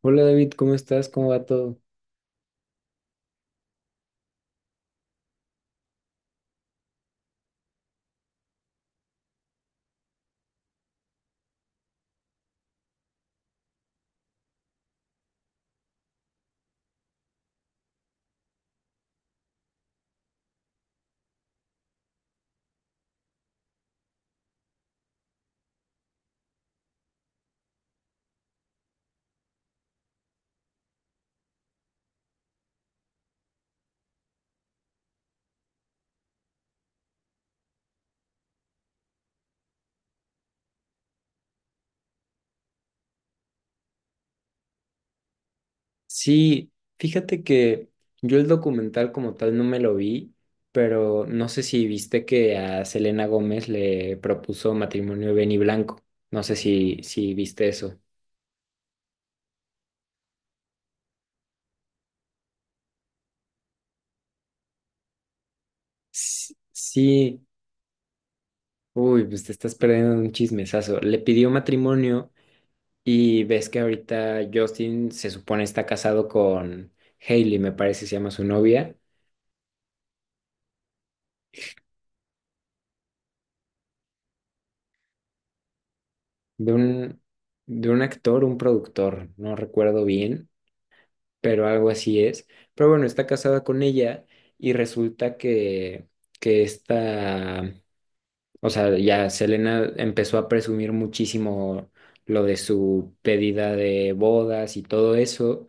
Hola David, ¿cómo estás? ¿Cómo va todo? Sí, fíjate que yo el documental como tal no me lo vi, pero no sé si viste que a Selena Gómez le propuso matrimonio Benny Blanco. No sé si viste eso. Sí, uy, pues te estás perdiendo de un chismesazo. Le pidió matrimonio y ves que ahorita Justin se supone está casado con Hailey, me parece se llama su novia, de un, de un actor, un productor, no recuerdo bien pero algo así es. Pero bueno, está casada con ella y resulta que, o sea, ya Selena empezó a presumir muchísimo lo de su pedida de bodas y todo eso.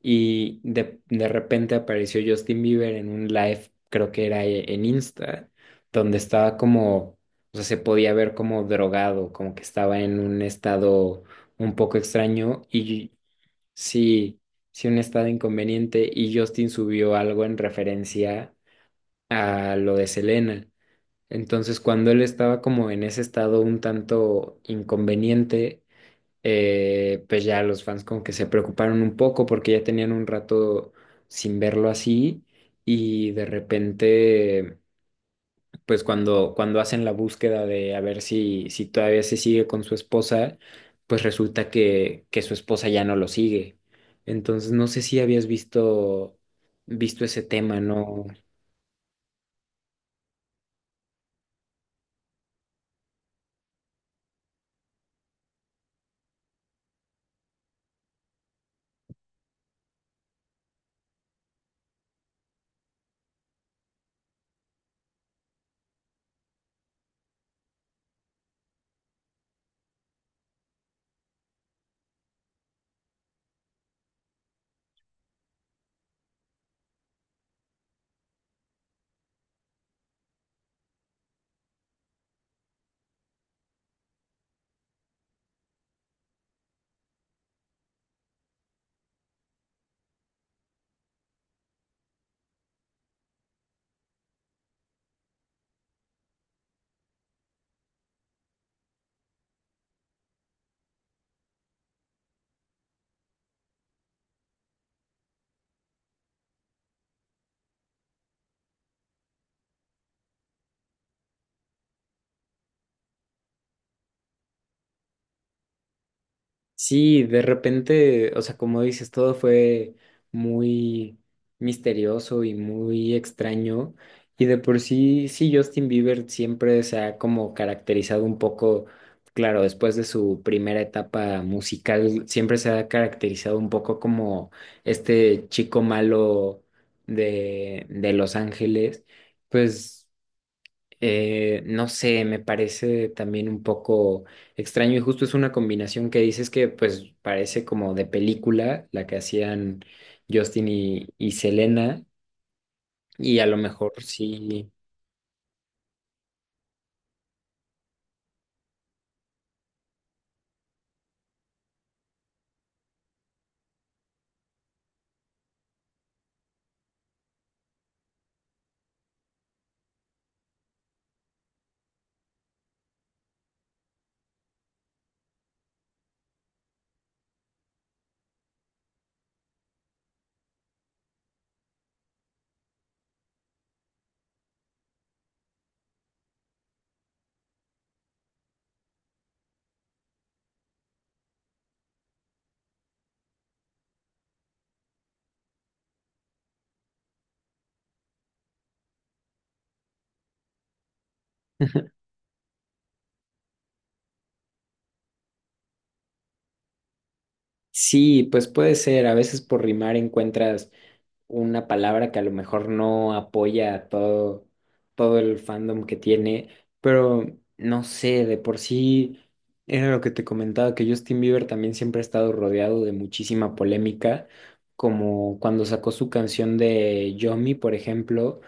Y de repente apareció Justin Bieber en un live, creo que era en Insta, donde estaba como, o sea, se podía ver como drogado, como que estaba en un estado un poco extraño. Y sí, sí, un estado inconveniente, y Justin subió algo en referencia a lo de Selena. Entonces, cuando él estaba como en ese estado un tanto inconveniente, pues ya los fans como que se preocuparon un poco porque ya tenían un rato sin verlo así, y de repente, pues cuando hacen la búsqueda de a ver si todavía se sigue con su esposa, pues resulta que su esposa ya no lo sigue. Entonces, no sé si habías visto, visto ese tema, ¿no? Sí, de repente, o sea, como dices, todo fue muy misterioso y muy extraño. Y de por sí, sí, Justin Bieber siempre se ha como caracterizado un poco, claro, después de su primera etapa musical, siempre se ha caracterizado un poco como este chico malo de Los Ángeles. Pues no sé, me parece también un poco extraño, y justo es una combinación que dices que pues parece como de película, la que hacían Justin y Selena, y a lo mejor sí, sí, pues puede ser, a veces por rimar encuentras una palabra que a lo mejor no apoya a todo, todo el fandom que tiene, pero no sé, de por sí era lo que te comentaba, que Justin Bieber también siempre ha estado rodeado de muchísima polémica, como cuando sacó su canción de Yomi, por ejemplo,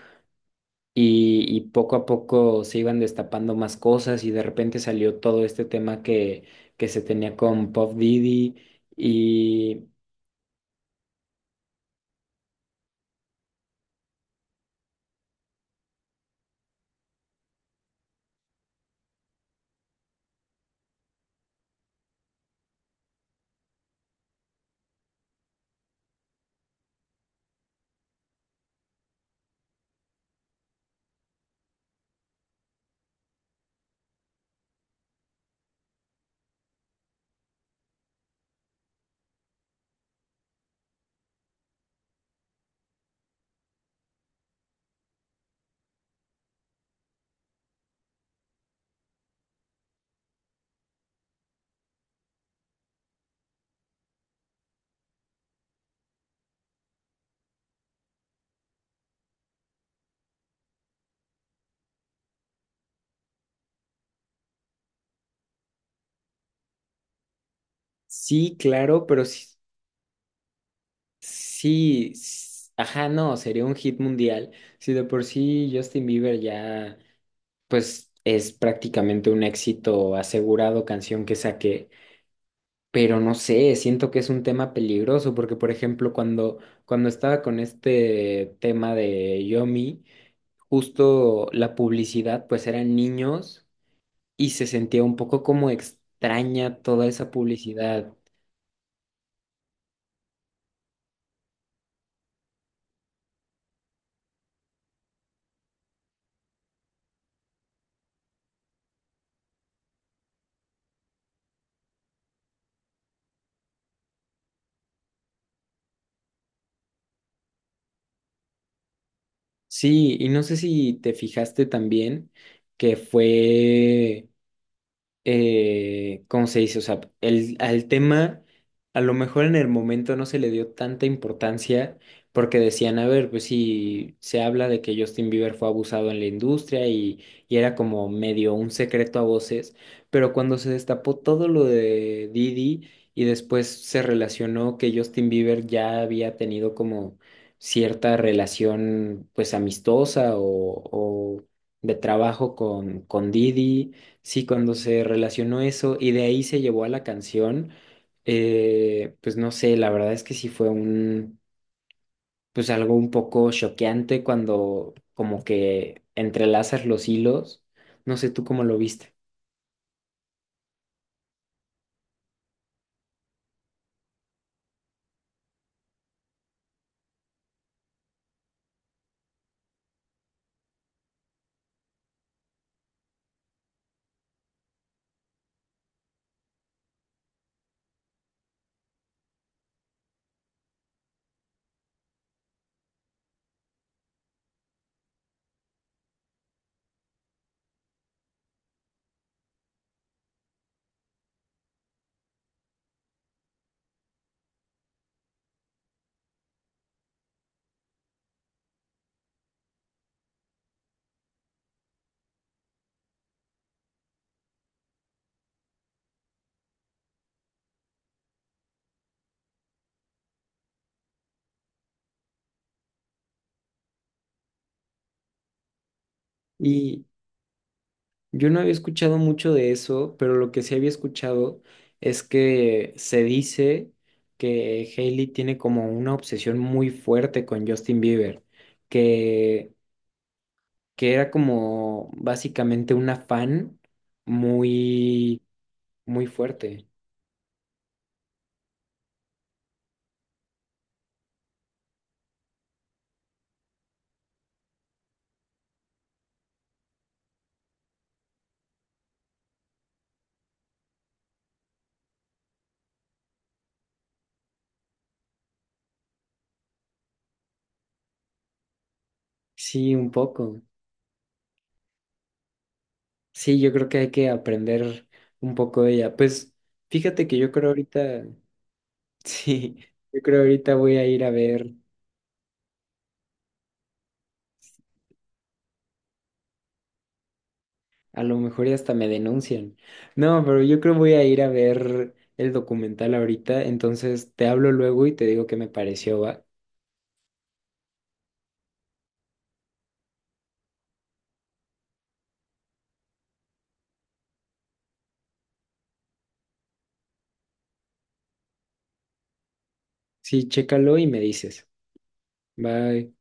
y poco a poco se iban destapando más cosas y de repente salió todo este tema que se tenía con Puff Diddy y... Sí, claro, pero sí, sí, ajá, no, sería un hit mundial. Si de por sí Justin Bieber ya, pues es prácticamente un éxito asegurado canción que saqué, pero no sé, siento que es un tema peligroso porque, por ejemplo, cuando estaba con este tema de Yomi, justo la publicidad, pues eran niños y se sentía un poco como extraña toda esa publicidad. Sí, y no sé si te fijaste también que fue, ¿cómo se dice? O sea, el, al tema, a lo mejor en el momento no se le dio tanta importancia porque decían, a ver, pues si se habla de que Justin Bieber fue abusado en la industria y era como medio un secreto a voces, pero cuando se destapó todo lo de Didi y después se relacionó que Justin Bieber ya había tenido como cierta relación pues amistosa o de trabajo con Didi. Sí, cuando se relacionó eso y de ahí se llevó a la canción, pues no sé, la verdad es que sí fue un, pues algo un poco choqueante cuando como que entrelazas los hilos, no sé tú cómo lo viste. Y yo no había escuchado mucho de eso, pero lo que sí había escuchado es que se dice que Hailey tiene como una obsesión muy fuerte con Justin Bieber, que que era como básicamente un afán muy, muy fuerte. Sí, un poco. Sí, yo creo que hay que aprender un poco de ella. Pues fíjate que yo creo ahorita, sí, yo creo ahorita voy a ir a ver, a lo mejor ya hasta me denuncian. No, pero yo creo voy a ir a ver el documental ahorita, entonces te hablo luego y te digo qué me pareció, va. Sí, chécalo y me dices. Bye.